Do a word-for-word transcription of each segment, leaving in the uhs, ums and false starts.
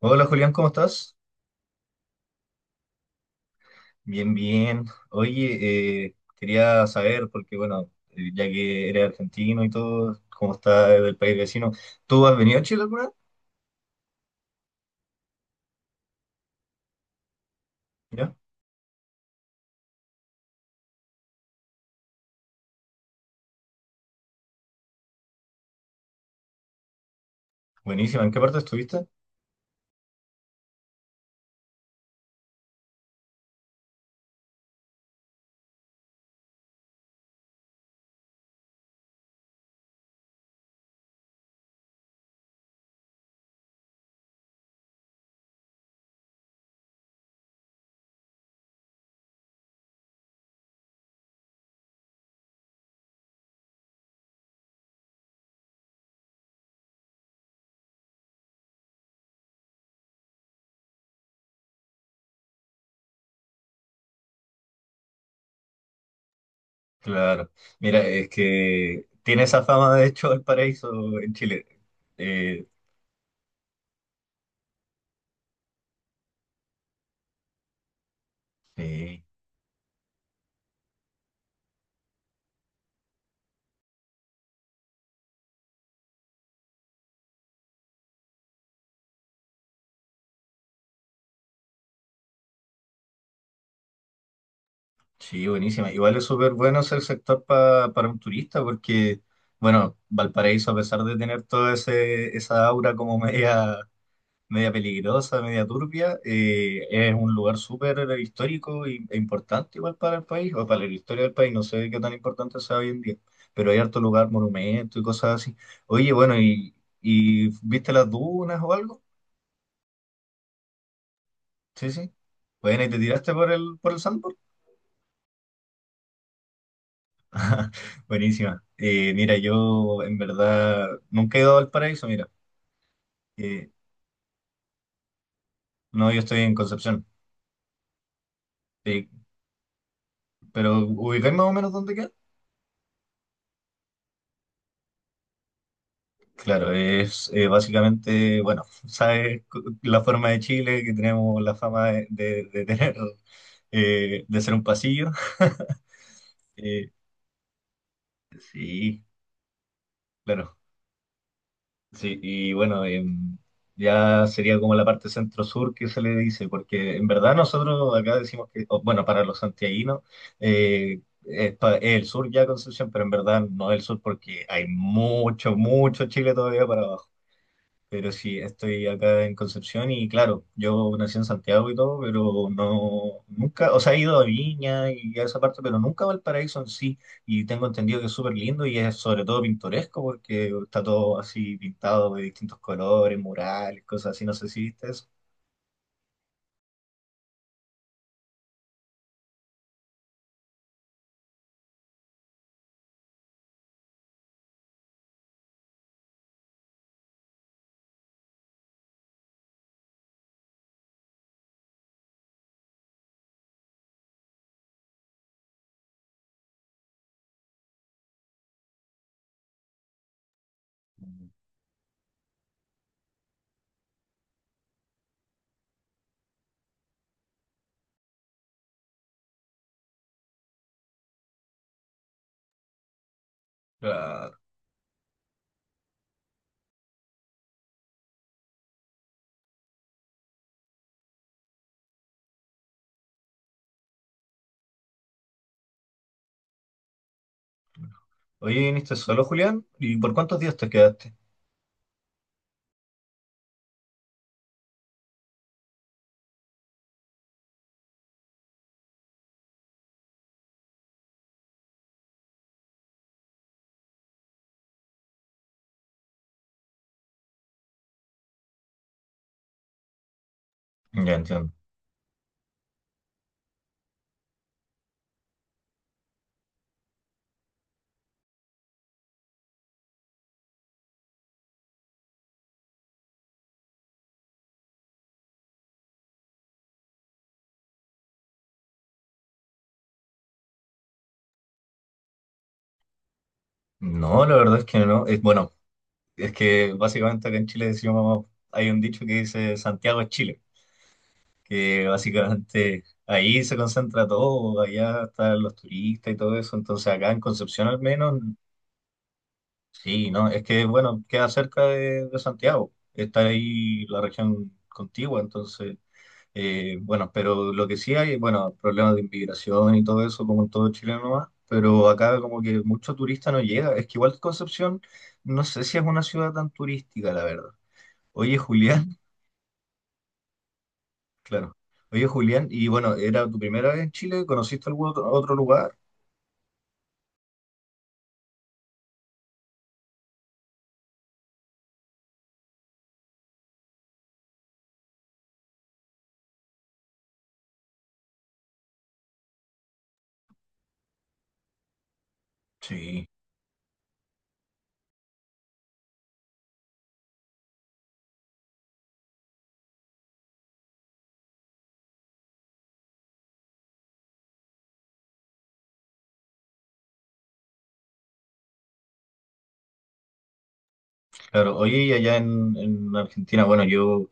Hola Julián, ¿cómo estás? Bien, bien. Oye, eh, quería saber, porque bueno, eh, ya que eres argentino y todo, ¿cómo está del país vecino? ¿Tú has venido a Chile alguna vez? Mira, buenísima. ¿En qué parte estuviste? Claro. Mira, es que tiene esa fama, de hecho, Valparaíso en Chile. Eh, sí, sí, buenísima. Igual es súper bueno el sector pa- para un turista, porque, bueno, Valparaíso, a pesar de tener toda ese esa aura como media media peligrosa, media turbia. Eh, es un lugar súper histórico y- e importante igual para el país, o para la historia del país, no sé qué tan importante sea hoy en día, pero hay harto lugar, monumentos y cosas así. Oye, bueno, ¿y, y viste las dunas o algo? Sí, sí. Bueno, ¿y te tiraste por el, por el sandboard? Buenísima. Eh, mira, yo en verdad nunca he ido al paraíso, mira. Eh, no, yo estoy en Concepción, sí, pero ubicáis más o menos dónde queda. Claro, es eh, básicamente, bueno, sabes cu- la forma de Chile, que tenemos la fama de, de- de tener, eh, de ser un pasillo. Eh, sí, claro, sí, y bueno, em, ya sería como la parte centro-sur que se le dice, porque en verdad nosotros acá decimos que, o, bueno, para los santiaguinos, eh, es, pa- es el sur ya Concepción, pero en verdad no es el sur porque hay mucho, mucho Chile todavía para abajo. Pero sí, estoy acá en Concepción y claro, yo nací en Santiago y todo, pero no, nunca, o sea, he ido a Viña y a esa parte, pero nunca a Valparaíso en sí. Y tengo entendido que es súper lindo y es sobre todo pintoresco porque está todo así pintado de distintos colores, murales, cosas así. No sé si viste eso. Mm. Claro. Oye, ¿viniste solo, Julián? ¿Y por cuántos días te quedaste? Ya entiendo. No, la verdad es que no. Es, bueno, es que básicamente acá en Chile decimos, hay un dicho que dice Santiago es Chile. Que básicamente ahí se concentra todo, allá están los turistas y todo eso, entonces acá en Concepción al menos, sí, no, es que bueno, queda cerca de, de Santiago, está ahí la región contigua, entonces, eh, bueno, pero lo que sí hay, bueno, problemas de inmigración y todo eso, como en todo Chile nomás, pero acá como que mucho turista no llega, es que igual Concepción, no sé si es una ciudad tan turística, la verdad. Oye, Julián. Claro. Oye, Julián, y bueno, ¿era tu primera vez en Chile? ¿Conociste algún otro, otro lugar? Sí, claro. Oye, y allá en, en Argentina, bueno, yo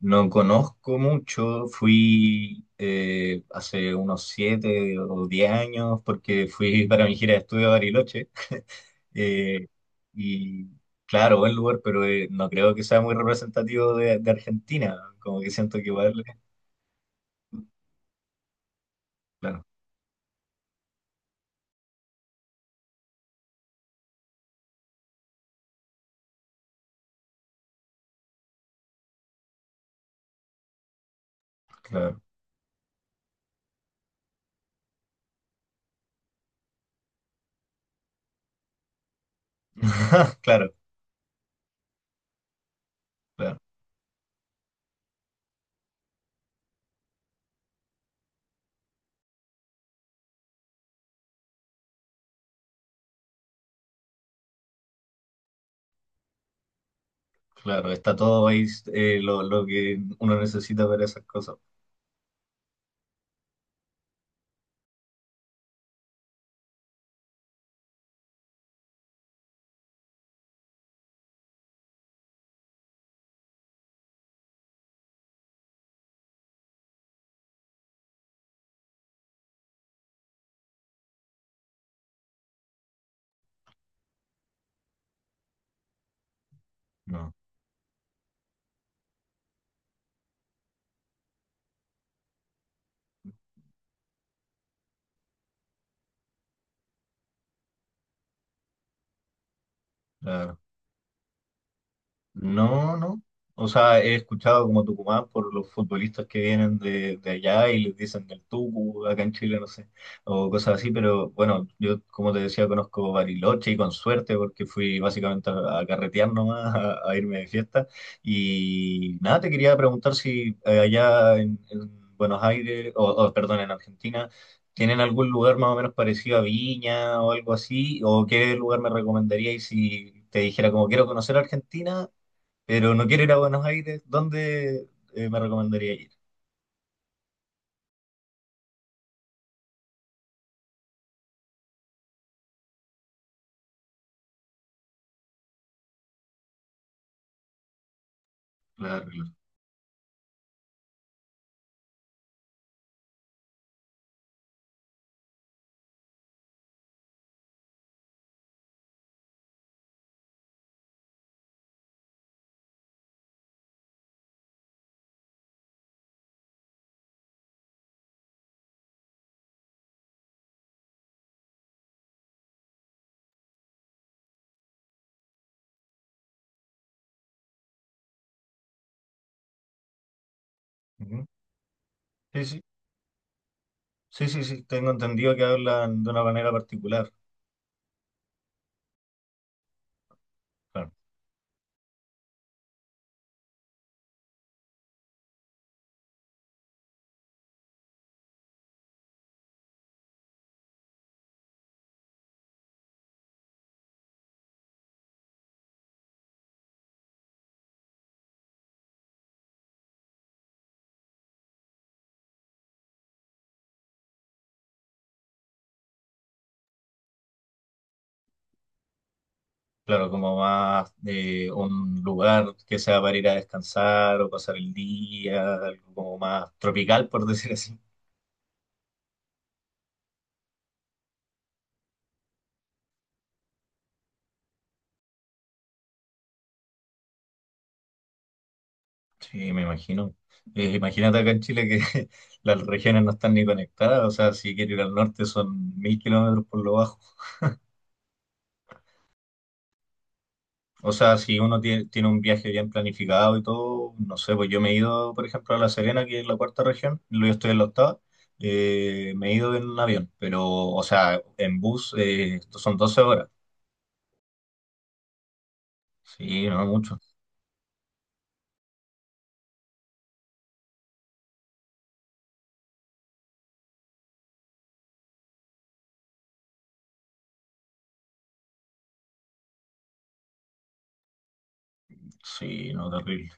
no conozco mucho. Fui eh, hace unos siete o diez años porque fui para mi gira de estudio a Bariloche. Eh, y claro, buen lugar, pero eh, no creo que sea muy representativo de, de Argentina. Como que siento que igual, claro, claro, claro, claro. Claro, está todo ahí eh, lo, lo que uno necesita para esas cosas. No, la no, no. O sea, he escuchado como Tucumán por los futbolistas que vienen de, de allá y les dicen del Tucu, acá en Chile, no sé, o cosas así, pero bueno, yo como te decía, conozco Bariloche y con suerte porque fui básicamente a, a carretear nomás, a, a irme de fiesta. Y nada, te quería preguntar si eh, allá en, en Buenos Aires, o, o, perdón, en Argentina, ¿tienen algún lugar más o menos parecido a Viña o algo así? ¿O qué lugar me recomendaríais si te dijera como quiero conocer Argentina? Pero no quiero ir a Buenos Aires, ¿dónde eh, me recomendaría ir? Claro, claro. Ujú. Sí, sí, sí, sí, sí, tengo entendido que hablan de una manera particular. Claro, claro, como más de un lugar que sea para ir a descansar o pasar el día, algo como más tropical, por decir así. Sí, me imagino. Eh, imagínate acá en Chile que las regiones no están ni conectadas, o sea, si quiero ir al norte son mil kilómetros por lo bajo. O sea, si uno tie- tiene, un viaje bien planificado y todo, no sé, pues yo me he ido, por ejemplo, a La Serena, que es la cuarta región, luego estoy en la octava, eh, me he ido en un avión, pero, o sea, en bus eh, esto son doce horas. Sí, no mucho. Sí, no, terrible.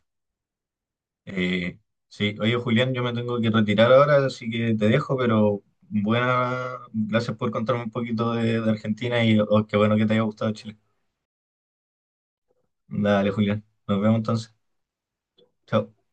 Eh, sí, oye, Julián, yo me tengo que retirar ahora, así que te dejo, pero buena, gracias por contarme un poquito de, de Argentina y oh, qué bueno que te haya gustado Chile. Dale, Julián, nos vemos entonces. Chao.